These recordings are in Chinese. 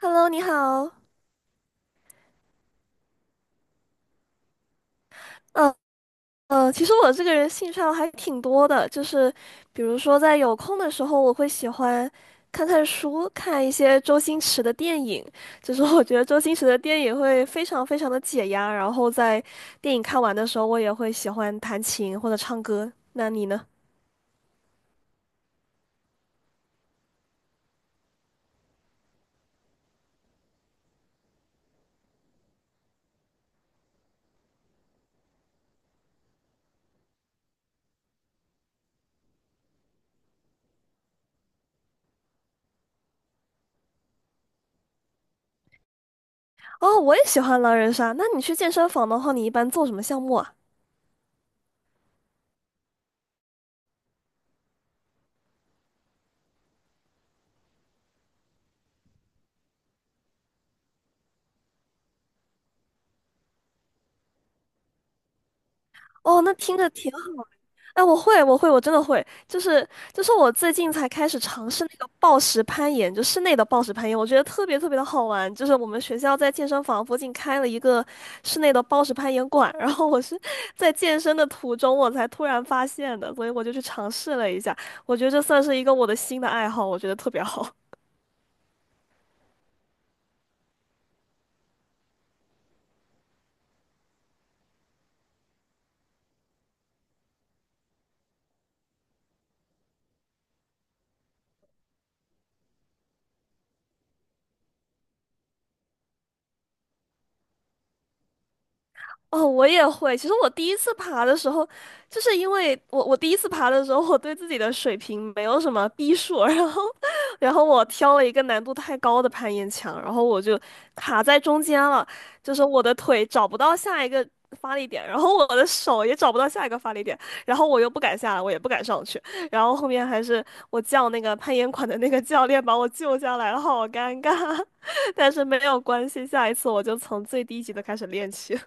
Hello，你好。嗯其实我这个人兴趣爱好还挺多的，就是比如说在有空的时候，我会喜欢看看书，看一些周星驰的电影。就是我觉得周星驰的电影会非常非常的解压，然后在电影看完的时候，我也会喜欢弹琴或者唱歌。那你呢？哦，我也喜欢狼人杀。那你去健身房的话，你一般做什么项目啊？哦，那听着挺哎，我会，我会，我真的会，就是我最近才开始尝试那个暴石攀岩，就室内的暴石攀岩，我觉得特别特别的好玩。就是我们学校在健身房附近开了一个室内的暴石攀岩馆，然后我是在健身的途中我才突然发现的，所以我就去尝试了一下。我觉得这算是一个我的新的爱好，我觉得特别好。哦，我也会。其实我第一次爬的时候，就是因为我第一次爬的时候，我对自己的水平没有什么逼数，然后 然后我挑了一个难度太高的攀岩墙，然后我就卡在中间了，就是我的腿找不到下一个发力点，然后我的手也找不到下一个发力点，然后我又不敢下来，我也不敢上去，然后后面还是我叫那个攀岩馆的那个教练把我救下来了，好尴尬，但是没有关系，下一次我就从最低级的开始练起。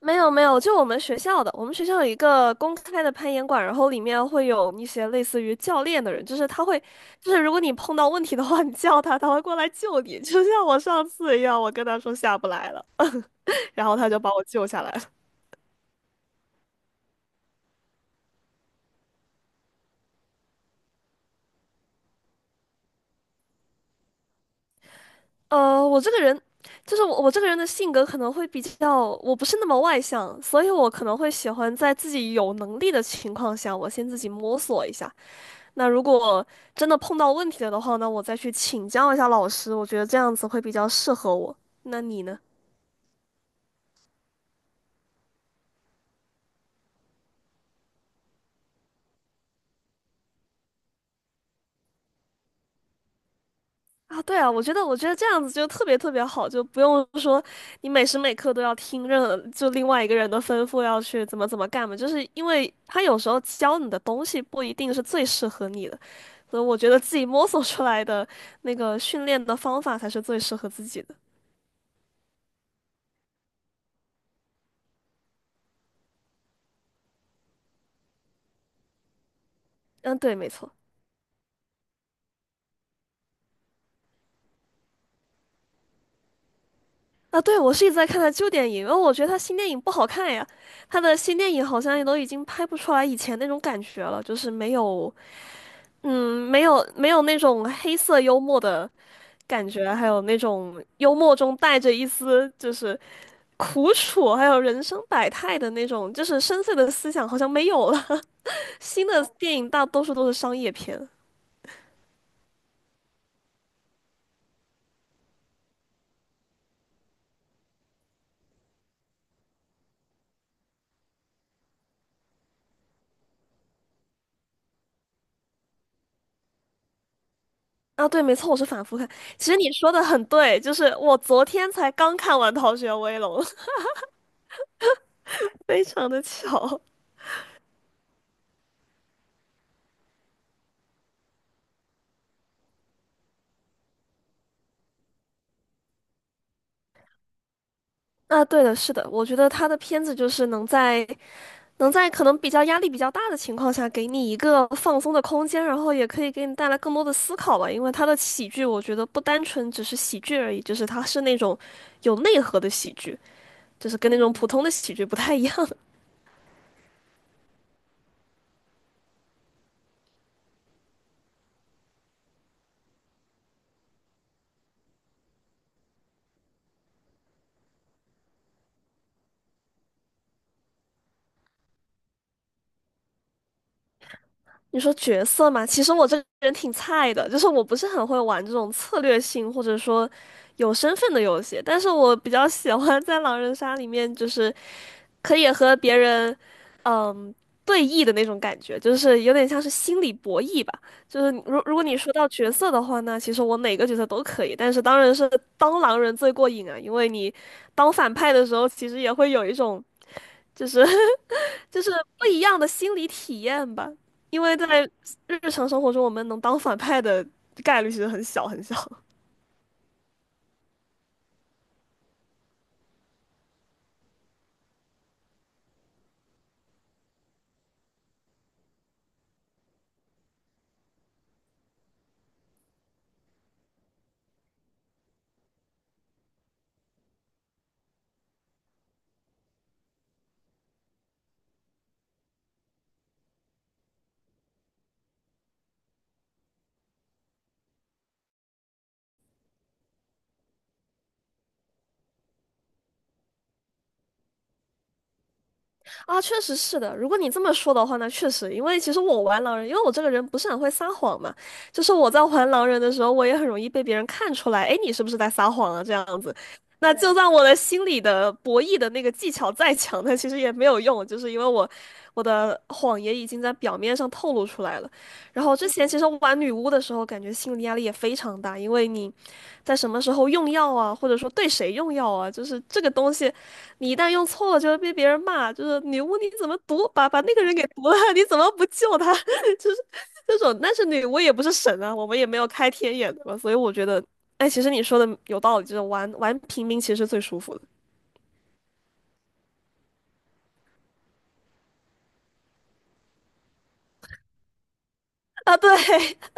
没有没有，就我们学校的，我们学校有一个公开的攀岩馆，然后里面会有一些类似于教练的人，就是他会，就是如果你碰到问题的话，你叫他，他会过来救你，就像我上次一样，我跟他说下不来了，然后他就把我救下来了。我这个人，就是我这个人的性格可能会比较，我不是那么外向，所以我可能会喜欢在自己有能力的情况下，我先自己摸索一下，那如果真的碰到问题了的话呢，我再去请教一下老师，我觉得这样子会比较适合我。那你呢？啊，对啊，我觉得这样子就特别特别好，就不用说你每时每刻都要听任就另外一个人的吩咐要去怎么怎么干嘛，就是因为他有时候教你的东西不一定是最适合你的，所以我觉得自己摸索出来的那个训练的方法才是最适合自己的。嗯，对，没错。啊，对，我是一直在看他旧电影，因为我觉得他新电影不好看呀。他的新电影好像也都已经拍不出来以前那种感觉了，就是没有，嗯，没有那种黑色幽默的感觉，还有那种幽默中带着一丝就是苦楚，还有人生百态的那种，就是深邃的思想好像没有了。新的电影大多数都是商业片。啊，对，没错，我是反复看。其实你说的很对，就是我昨天才刚看完《逃学威龙》，非常的巧。啊，对的，是的，我觉得他的片子就是能在能在可能比较压力比较大的情况下，给你一个放松的空间，然后也可以给你带来更多的思考吧。因为他的喜剧，我觉得不单纯只是喜剧而已，就是他是那种有内核的喜剧，就是跟那种普通的喜剧不太一样。你说角色嘛，其实我这个人挺菜的，就是我不是很会玩这种策略性或者说有身份的游戏，但是我比较喜欢在狼人杀里面就是。可以和别人，嗯，对弈的那种感觉，就是有点像是心理博弈吧。就是你如果你说到角色的话那其实我哪个角色都可以，但是当然是当狼人最过瘾啊，因为你当反派的时候，其实也会有一种就是 就是不一样的心理体验吧。因为在日常生活中，我们能当反派的概率其实很小很小。啊，确实是的。如果你这么说的话，那确实，因为其实我玩狼人，因为我这个人不是很会撒谎嘛，就是我在玩狼人的时候，我也很容易被别人看出来，哎，你是不是在撒谎啊？这样子，那就算我的心里的博弈的那个技巧再强，那其实也没有用，就是因为我的谎言已经在表面上透露出来了。然后之前其实玩女巫的时候，感觉心理压力也非常大，因为你在什么时候用药啊，或者说对谁用药啊，就是这个东西。你一旦用错了，就会被别人骂，就是女巫你怎么毒，把那个人给毒了，你怎么不救他？这种，但是女巫也不是神啊，我们也没有开天眼的嘛，所以我觉得，哎，其实你说的有道理，就是玩玩平民其实最舒服的啊，对。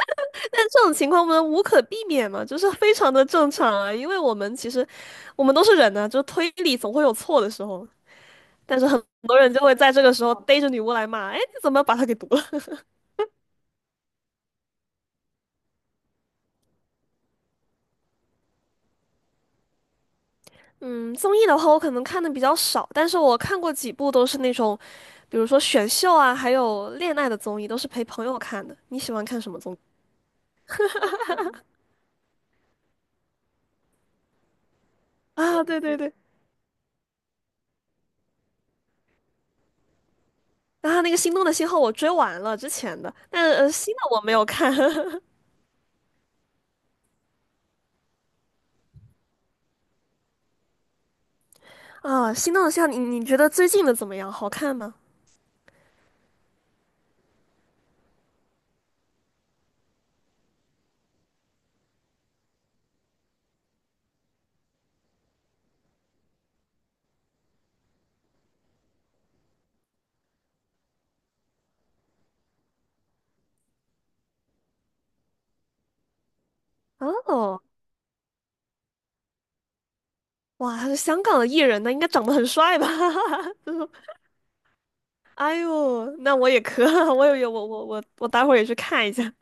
但这种情况我们无可避免嘛，就是非常的正常啊，因为我们都是人呢、就推理总会有错的时候，但是很多人就会在这个时候逮着女巫来骂，哎，你怎么把她给毒了？嗯，综艺的话，我可能看的比较少，但是我看过几部都是那种，比如说选秀啊，还有恋爱的综艺，都是陪朋友看的。你喜欢看什么综艺？啊，对对对，然后那个《心动的信号》我追完了之前的，但新的我没有看 啊。《心动的信号》，你觉得最近的怎么样？好看吗？哦，哇，他是香港的艺人呢，应该长得很帅吧？就说，哎呦，那我也可，我有有我我我我待会儿也去看一下。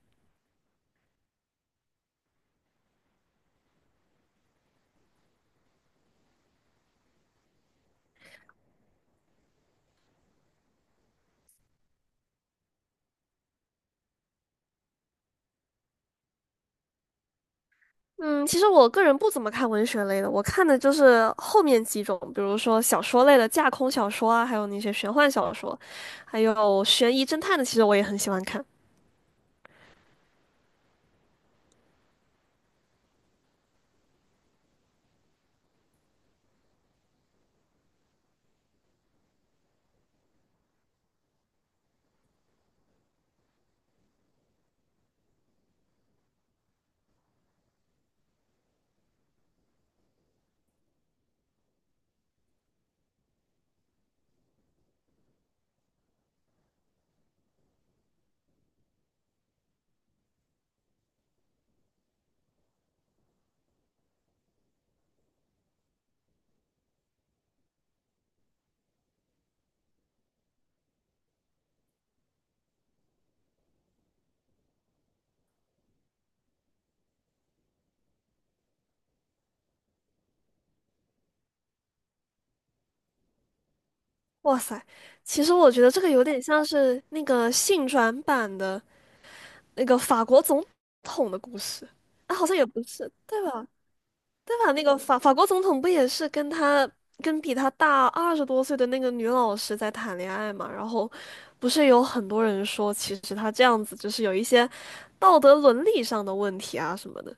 嗯，其实我个人不怎么看文学类的，我看的就是后面几种，比如说小说类的架空小说啊，还有那些玄幻小说，还有悬疑侦探的，其实我也很喜欢看。哇塞，其实我觉得这个有点像是那个性转版的那个法国总统的故事，啊，好像也不是，对吧？对吧？那个法国总统不也是跟他跟比他大20多岁的那个女老师在谈恋爱嘛？然后不是有很多人说，其实他这样子就是有一些道德伦理上的问题啊什么的。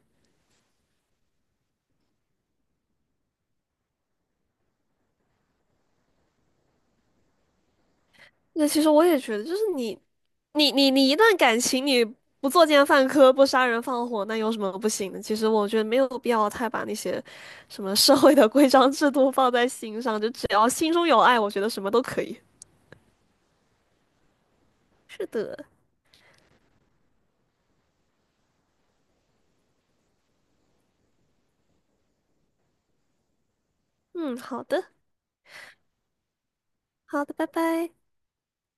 那其实我也觉得，就是你一段感情你不作奸犯科、不杀人放火，那有什么不行的？其实我觉得没有必要太把那些什么社会的规章制度放在心上，就只要心中有爱，我觉得什么都可以。是的，嗯，好的，好的，拜拜。